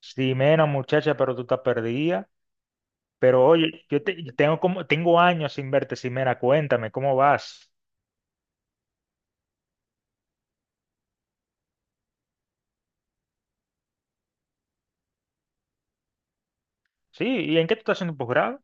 Sí, menos muchacha, pero tú estás perdida. Pero oye, yo tengo como, tengo años sin verte, Simena, cuéntame, ¿cómo vas? Sí, ¿y en qué tú estás haciendo un posgrado?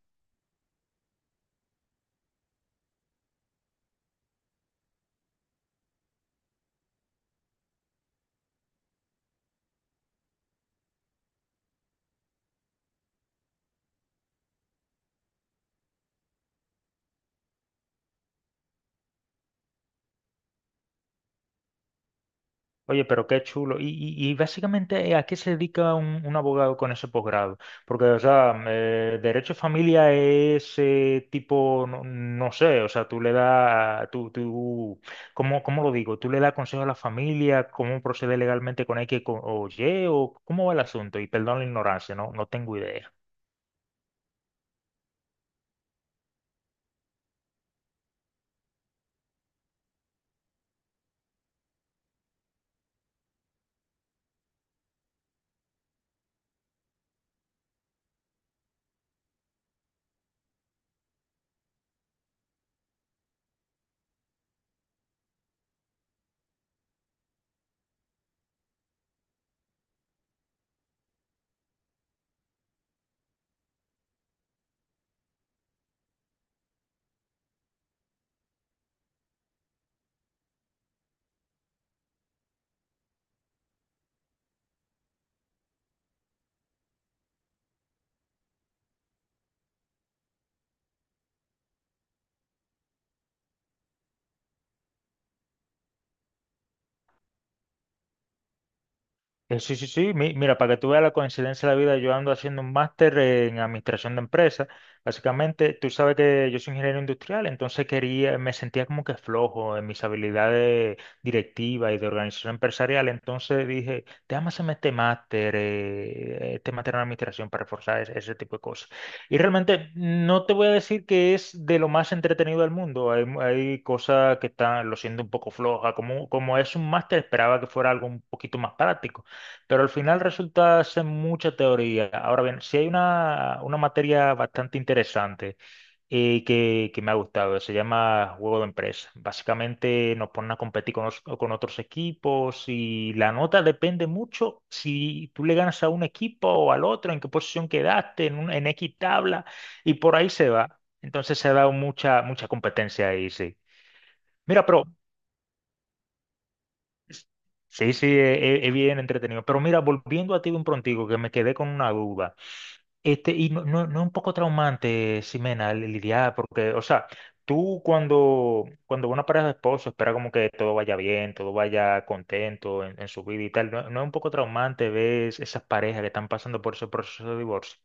Oye, pero qué chulo. Y básicamente, ¿a qué se dedica un abogado con ese posgrado? Porque, o sea, derecho de familia es tipo, no, no sé, o sea, tú le das, tú, cómo lo digo? ¿Tú le das consejo a la familia? ¿Cómo procede legalmente con o Y? ¿O cómo va el asunto? Y perdón la ignorancia, no, no tengo idea. Sí, sí, sí. Mira, para que tú veas la coincidencia de la vida, yo ando haciendo un máster en administración de empresas. Básicamente, tú sabes que yo soy ingeniero industrial, entonces quería, me sentía como que flojo en mis habilidades directivas y de organización empresarial. Entonces dije, déjame hacerme este máster en administración para reforzar ese tipo de cosas. Y realmente no te voy a decir que es de lo más entretenido del mundo. Hay, hay cosas que están, lo siento un poco floja. Como es un máster, esperaba que fuera algo un poquito más práctico, pero al final resulta ser mucha teoría. Ahora bien, si hay una materia bastante interesante que me ha gustado, se llama Juego de Empresa. Básicamente nos ponen a competir con, con otros equipos y la nota depende mucho si tú le ganas a un equipo o al otro, en qué posición quedaste, en, en X tabla, y por ahí se va. Entonces se ha dado mucha, mucha competencia ahí, sí. Mira, pero... Sí, sí, es bien entretenido. Pero mira, volviendo a ti de un prontigo, que me quedé con una duda. Este, y no, no, ¿no es un poco traumante, Ximena, lidiar? Porque, o sea, tú cuando una pareja de esposos espera como que todo vaya bien, todo vaya contento en su vida y tal, ¿no, no es un poco traumante ver esas parejas que están pasando por ese proceso de divorcio?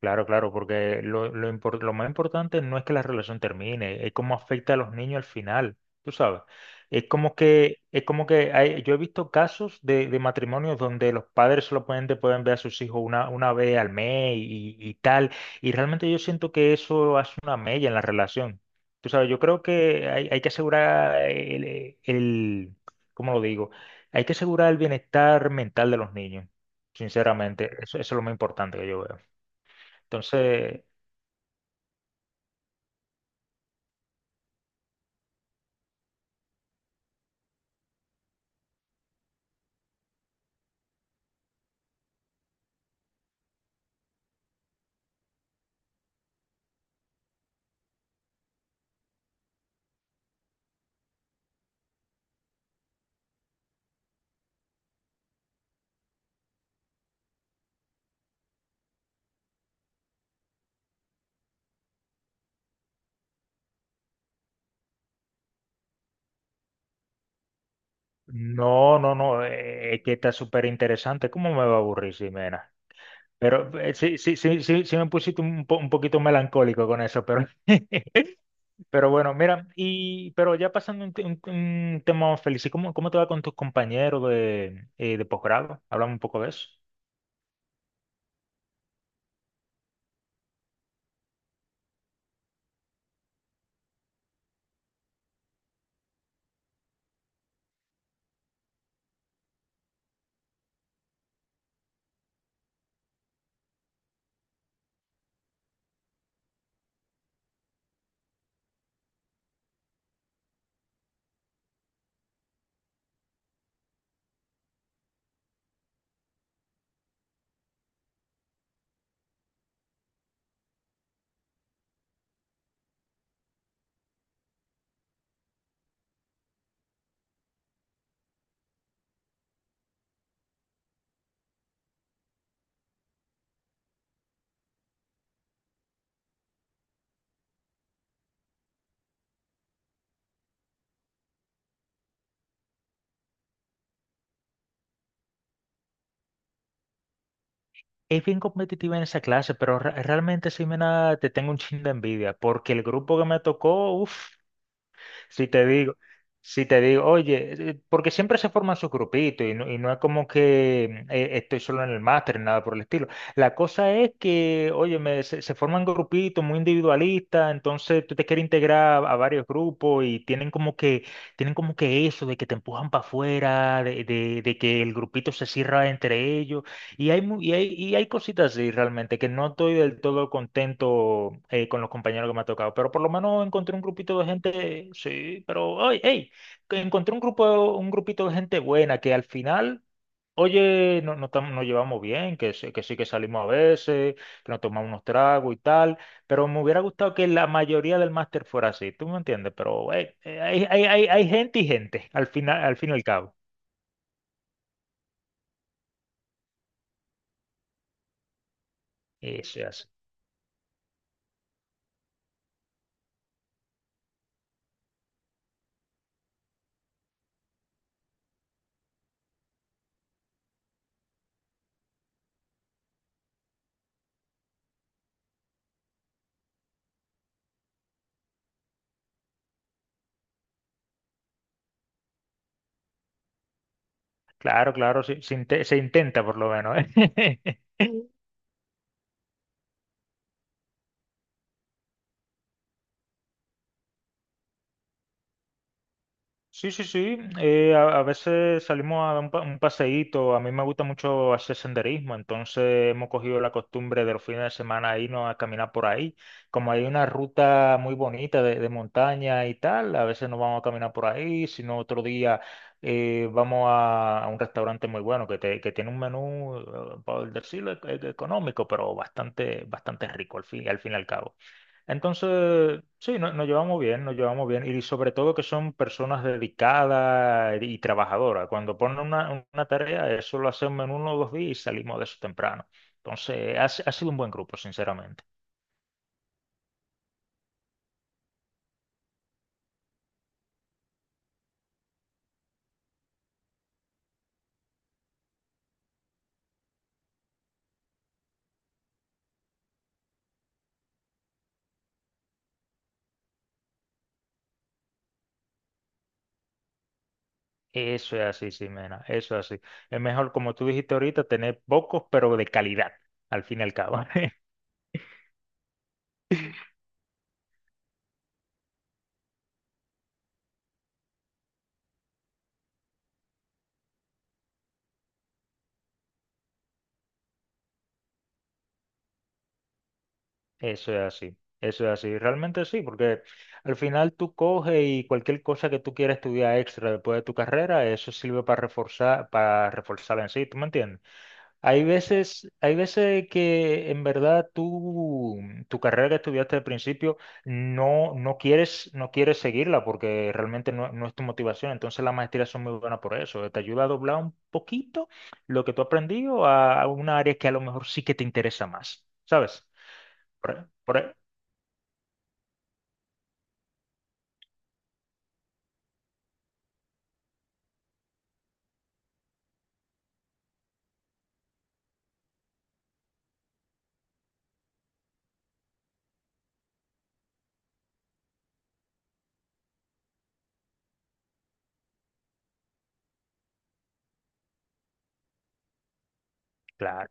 Claro, claro, porque lo más importante no es que la relación termine, es cómo afecta a los niños al final, tú sabes. Es como que yo he visto casos de matrimonios donde los padres solamente pueden ver a sus hijos una vez al mes y tal, y realmente yo siento que eso hace una mella en la relación. Tú sabes, yo creo que hay que asegurar el, ¿cómo lo digo? Hay que asegurar el bienestar mental de los niños, sinceramente, eso es lo más importante que yo veo. Entonces, no, no, no, es que está súper interesante. ¿Cómo me va a aburrir, Ximena? Pero sí, sí, sí, sí, sí me pusiste un, un poquito melancólico con eso, pero pero bueno, mira, pero ya pasando un, un tema más feliz, ¿y cómo te va con tus compañeros de posgrado? Hablamos un poco de eso. Es bien competitiva en esa clase, pero realmente, Ximena, te tengo un chin de envidia, porque el grupo que me tocó, uff. Si te digo, si te digo, oye, porque siempre se forman sus grupitos y no es como que estoy solo en el máster, nada por el estilo. La cosa es que, oye, se forman grupitos muy individualistas, entonces tú te quieres integrar a varios grupos y tienen como que eso de que te empujan para afuera, de, de que el grupito se cierra entre ellos. Y hay, y hay, y hay cositas así realmente que no estoy del todo contento con los compañeros que me ha tocado, pero por lo menos encontré un grupito de gente, sí, pero, oye, hey, que encontré un grupo, un grupito de gente buena que al final, oye, no, nos llevamos bien, que sí que salimos a veces, que nos tomamos unos tragos y tal, pero me hubiera gustado que la mayoría del máster fuera así, ¿tú me entiendes? Pero, hey, hay gente y gente, al final, al fin y al cabo. Eso es así. Claro, claro, sí, se intenta por lo menos, ¿eh? Sí, sí, sí. A veces salimos a dar un, un paseíto. A mí me gusta mucho hacer senderismo, entonces hemos cogido la costumbre de los fines de semana irnos a caminar por ahí. Como hay una ruta muy bonita de montaña y tal, a veces nos vamos a caminar por ahí, si no otro día vamos a un restaurante muy bueno que tiene un menú, por decirlo, económico, pero bastante, bastante rico al fin y al cabo. Entonces, sí, nos llevamos bien, nos llevamos bien. Y sobre todo que son personas dedicadas y trabajadoras. Cuando ponen una tarea, eso lo hacemos en uno o dos días y salimos de eso temprano. Entonces, ha, si- ha sido un buen grupo, sinceramente. Eso es así, Ximena, eso es así. Es mejor, como tú dijiste ahorita, tener pocos, pero de calidad, al fin y al cabo. Eso es así, realmente sí, porque al final tú coges y cualquier cosa que tú quieras estudiar extra después de tu carrera, eso sirve para reforzar, para reforzarla en sí, ¿tú me entiendes? Hay veces que en verdad tú, tu carrera que estudiaste al principio no, no quieres, no quieres seguirla porque realmente no, no es tu motivación, entonces las maestrías son muy buenas por eso, te ayuda a doblar un poquito lo que tú has aprendido a una área que a lo mejor sí que te interesa más, ¿sabes? Por, por- e, Claro.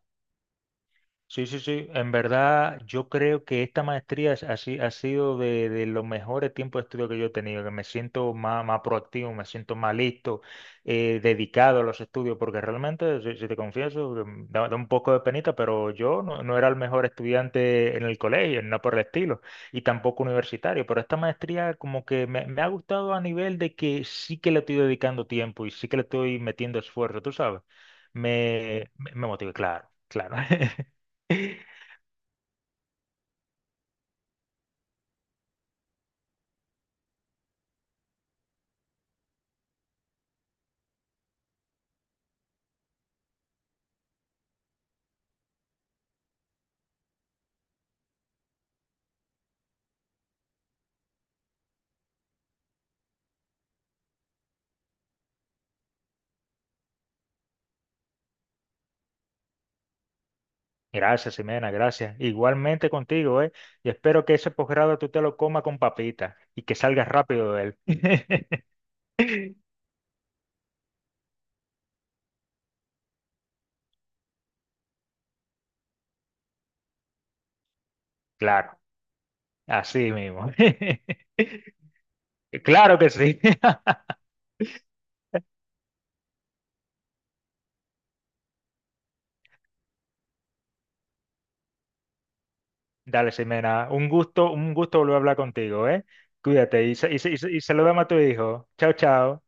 Sí, sí, sí. En verdad, yo creo que esta maestría es- ha, si- ha sido de los mejores tiempos de estudio que yo he tenido, que me siento más, más proactivo, me siento más listo, dedicado a los estudios, porque realmente, si, si te confieso, da, da un poco de penita, pero yo no, no era el mejor estudiante en el colegio, no por el estilo, y tampoco universitario, pero esta maestría como que me ha gustado a nivel de que sí que le estoy dedicando tiempo y sí que le estoy metiendo esfuerzo, tú sabes. Me motiva, claro, claro. Gracias, Ximena, gracias. Igualmente contigo, ¿eh? Y espero que ese posgrado tú te lo comas con papita y que salgas rápido de él. Claro, así mismo. Claro que sí. Dale, Ximena, un gusto volver a hablar contigo, ¿eh? Cuídate y, saludame a tu hijo. Chao, chao.